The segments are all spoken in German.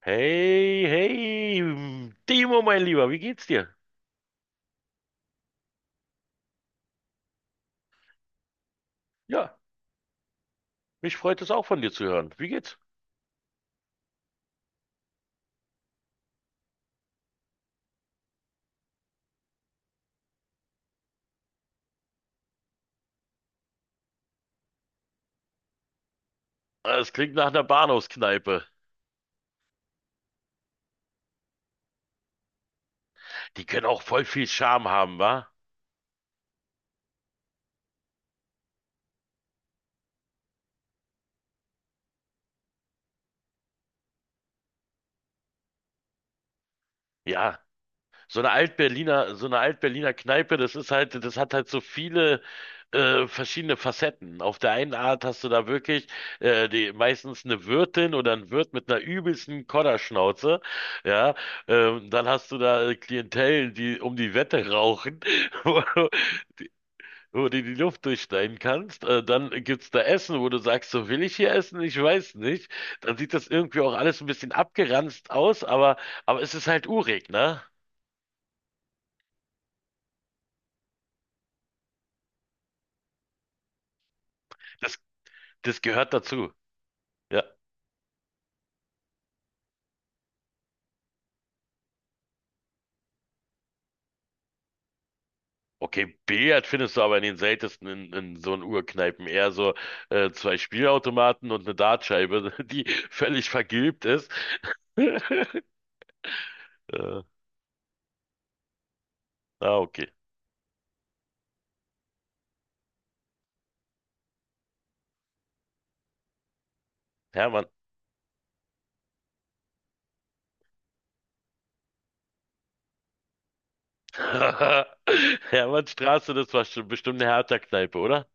Hey, hey, Timo, mein Lieber, wie geht's dir? Ja, mich freut es auch von dir zu hören. Wie geht's? Ah, es klingt nach einer Bahnhofskneipe. Die können auch voll viel Charme haben, wa? Ja, so eine Alt-Berliner Kneipe, das ist halt, das hat halt so viele verschiedene Facetten. Auf der einen Art hast du da wirklich die, meistens eine Wirtin oder ein Wirt mit einer übelsten Kodderschnauze. Ja, dann hast du da Klientel, die um die Wette rauchen. Wo du die Luft durchschneiden kannst. Dann gibt's da Essen, wo du sagst, so will ich hier essen? Ich weiß nicht. Dann sieht das irgendwie auch alles ein bisschen abgeranzt aus, aber es ist halt urig, ne? Das, das gehört dazu. Ja. Okay, Billard findest du aber in den seltensten in so einen Urkneipen. Eher so zwei Spielautomaten und eine Dartscheibe, die völlig vergilbt ist. Äh, okay. Hermann. Hermannstraße, das war schon bestimmt eine Hertha-Kneipe, oder?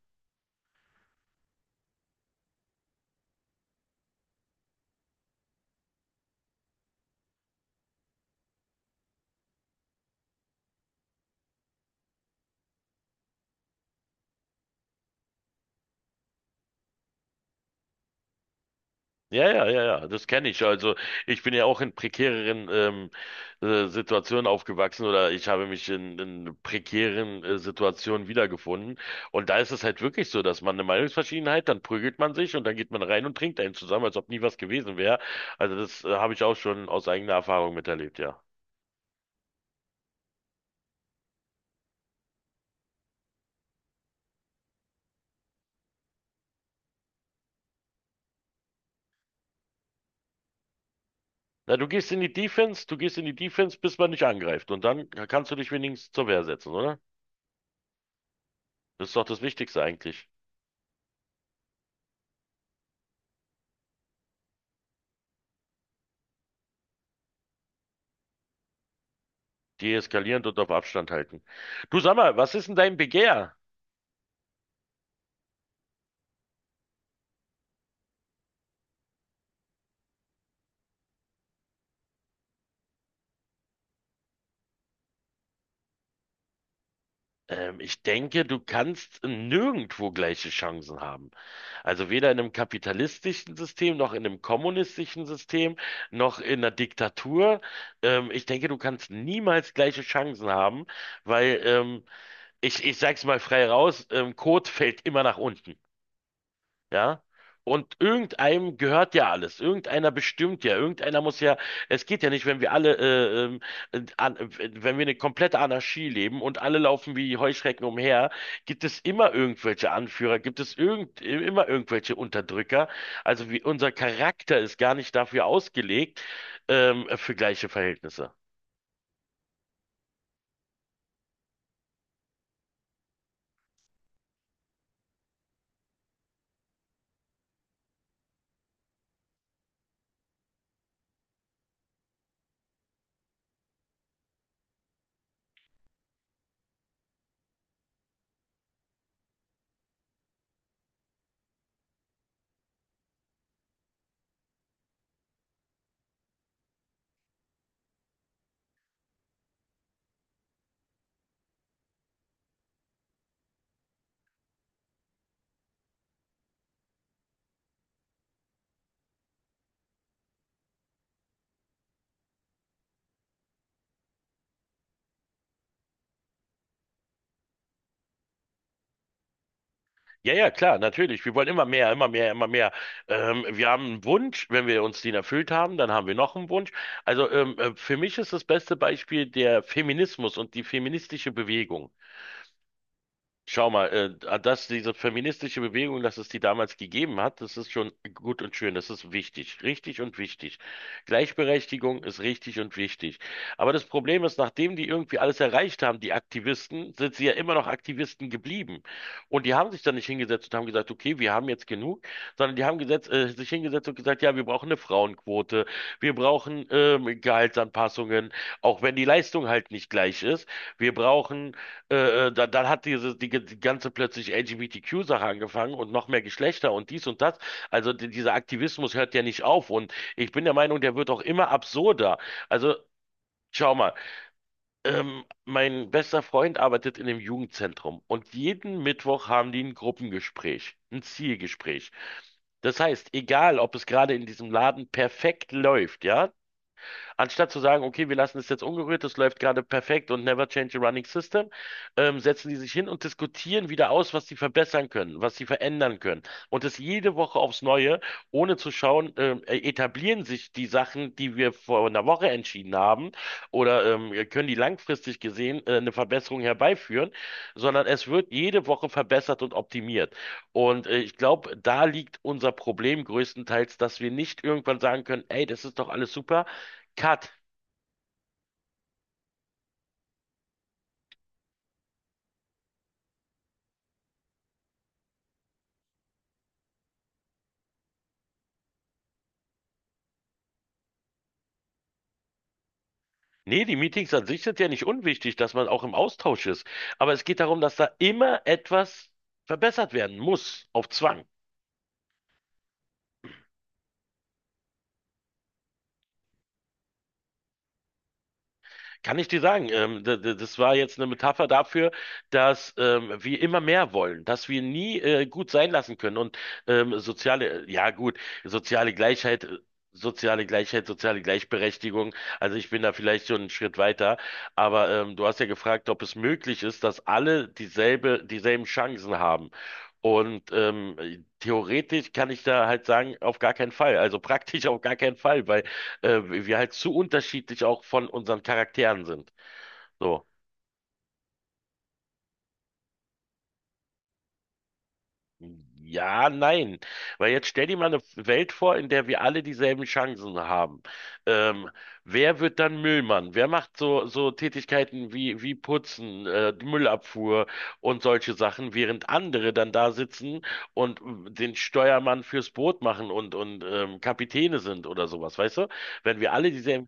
Ja, ja, ja, ja, das kenne ich. Also ich bin ja auch in prekäreren Situationen aufgewachsen oder ich habe mich in prekären Situationen wiedergefunden. Und da ist es halt wirklich so, dass man eine Meinungsverschiedenheit, dann prügelt man sich und dann geht man rein und trinkt einen zusammen, als ob nie was gewesen wäre. Also das habe ich auch schon aus eigener Erfahrung miterlebt, ja. Na, du gehst in die Defense, du gehst in die Defense, bis man dich angreift und dann kannst du dich wenigstens zur Wehr setzen, oder? Das ist doch das Wichtigste eigentlich. Deeskalierend und auf Abstand halten. Du sag mal, was ist denn dein Begehr? Ich denke, du kannst nirgendwo gleiche Chancen haben. Also weder in einem kapitalistischen System, noch in einem kommunistischen System, noch in einer Diktatur. Ich denke, du kannst niemals gleiche Chancen haben, weil ich sag's mal frei raus, Kot fällt immer nach unten. Ja? Und irgendeinem gehört ja alles. Irgendeiner bestimmt ja. Irgendeiner muss ja. Es geht ja nicht, wenn wir alle, äh, an, äh, wenn wir eine komplette Anarchie leben und alle laufen wie Heuschrecken umher, gibt es immer irgendwelche Anführer, gibt es immer irgendwelche Unterdrücker. Also unser Charakter ist gar nicht dafür ausgelegt, für gleiche Verhältnisse. Ja, ja, klar, natürlich. Wir wollen immer mehr, immer mehr, immer mehr. Wir haben einen Wunsch, wenn wir uns den erfüllt haben, dann haben wir noch einen Wunsch. Also für mich ist das beste Beispiel der Feminismus und die feministische Bewegung. Schau mal, dass diese feministische Bewegung, dass es die damals gegeben hat, das ist schon gut und schön, das ist wichtig, richtig und wichtig. Gleichberechtigung ist richtig und wichtig. Aber das Problem ist, nachdem die irgendwie alles erreicht haben, die Aktivisten, sind sie ja immer noch Aktivisten geblieben. Und die haben sich dann nicht hingesetzt und haben gesagt, okay, wir haben jetzt genug, sondern die haben sich hingesetzt und gesagt, ja, wir brauchen eine Frauenquote, wir brauchen Gehaltsanpassungen, auch wenn die Leistung halt nicht gleich ist. Wir brauchen dann hat diese die ganze plötzlich LGBTQ-Sache angefangen und noch mehr Geschlechter und dies und das. Also dieser Aktivismus hört ja nicht auf und ich bin der Meinung, der wird auch immer absurder. Also schau mal, mein bester Freund arbeitet in einem Jugendzentrum und jeden Mittwoch haben die ein Gruppengespräch, ein Zielgespräch. Das heißt, egal, ob es gerade in diesem Laden perfekt läuft, ja, anstatt zu sagen, okay, wir lassen es jetzt ungerührt, das läuft gerade perfekt und never change a running system, setzen die sich hin und diskutieren wieder aus, was sie verbessern können, was sie verändern können. Und das jede Woche aufs Neue, ohne zu schauen, etablieren sich die Sachen, die wir vor einer Woche entschieden haben, oder können die langfristig gesehen eine Verbesserung herbeiführen, sondern es wird jede Woche verbessert und optimiert. Und ich glaube, da liegt unser Problem größtenteils, dass wir nicht irgendwann sagen können, ey, das ist doch alles super. Cut. Nee, die Meetings an sich sind ja nicht unwichtig, dass man auch im Austausch ist. Aber es geht darum, dass da immer etwas verbessert werden muss, auf Zwang. Kann ich dir sagen, das war jetzt eine Metapher dafür, dass wir immer mehr wollen, dass wir nie gut sein lassen können und soziale, ja gut, soziale Gleichheit, soziale Gleichheit, soziale Gleichberechtigung. Also ich bin da vielleicht schon einen Schritt weiter, aber du hast ja gefragt, ob es möglich ist, dass alle dieselbe, dieselben Chancen haben. Und theoretisch kann ich da halt sagen, auf gar keinen Fall, also praktisch auf gar keinen Fall, weil wir halt zu unterschiedlich auch von unseren Charakteren sind. So. Ja, nein. Weil jetzt stell dir mal eine Welt vor, in der wir alle dieselben Chancen haben. Ähm, Wer wird dann Müllmann? Wer macht so, so Tätigkeiten wie Putzen, die Müllabfuhr und solche Sachen, während andere dann da sitzen und den Steuermann fürs Boot machen und Kapitäne sind oder sowas, weißt du? Wenn wir alle dieselben —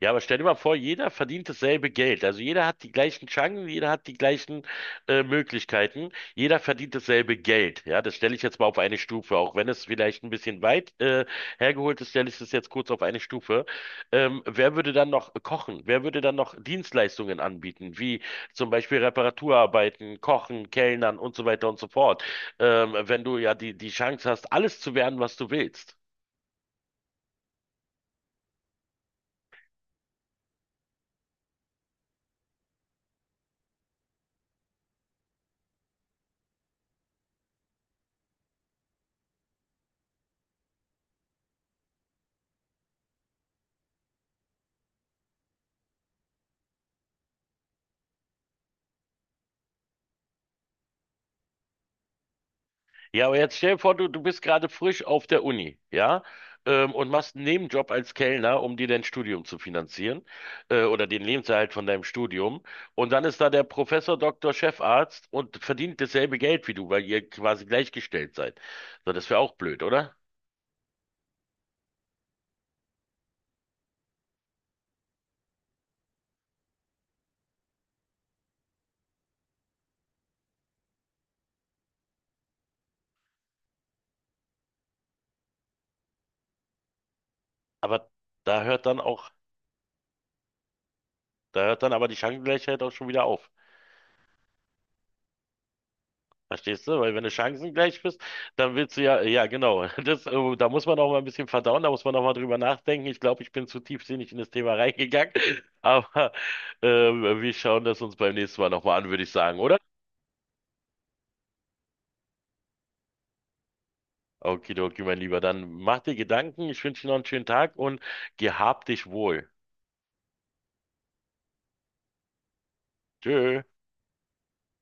ja, aber stell dir mal vor, jeder verdient dasselbe Geld. Also jeder hat die gleichen Chancen, jeder hat die gleichen Möglichkeiten, jeder verdient dasselbe Geld. Ja, das stelle ich jetzt mal auf eine Stufe, auch wenn es vielleicht ein bisschen weit hergeholt ist, stelle ich das jetzt kurz auf eine Stufe. Wer würde dann noch kochen? Wer würde dann noch Dienstleistungen anbieten, wie zum Beispiel Reparaturarbeiten, Kochen, Kellnern und so weiter und so fort? Wenn du ja die, die Chance hast, alles zu werden, was du willst. Ja, aber jetzt stell dir vor, du bist gerade frisch auf der Uni, ja, und machst einen Nebenjob als Kellner, um dir dein Studium zu finanzieren, oder den Lebenserhalt von deinem Studium. Und dann ist da der Professor, Doktor, Chefarzt und verdient dasselbe Geld wie du, weil ihr quasi gleichgestellt seid. So, das wäre auch blöd, oder? Aber da hört dann auch, da hört dann aber die Chancengleichheit auch schon wieder auf. Verstehst du? Weil wenn du chancengleich bist, dann willst du ja, ja genau, da muss man auch mal ein bisschen verdauen, da muss man auch mal drüber nachdenken. Ich glaube, ich bin zu tiefsinnig in das Thema reingegangen, aber äh, wir schauen das uns beim nächsten Mal nochmal an, würde ich sagen, oder? Okidoki, mein Lieber, dann mach dir Gedanken, ich wünsche dir noch einen schönen Tag und gehab dich wohl. Tschö.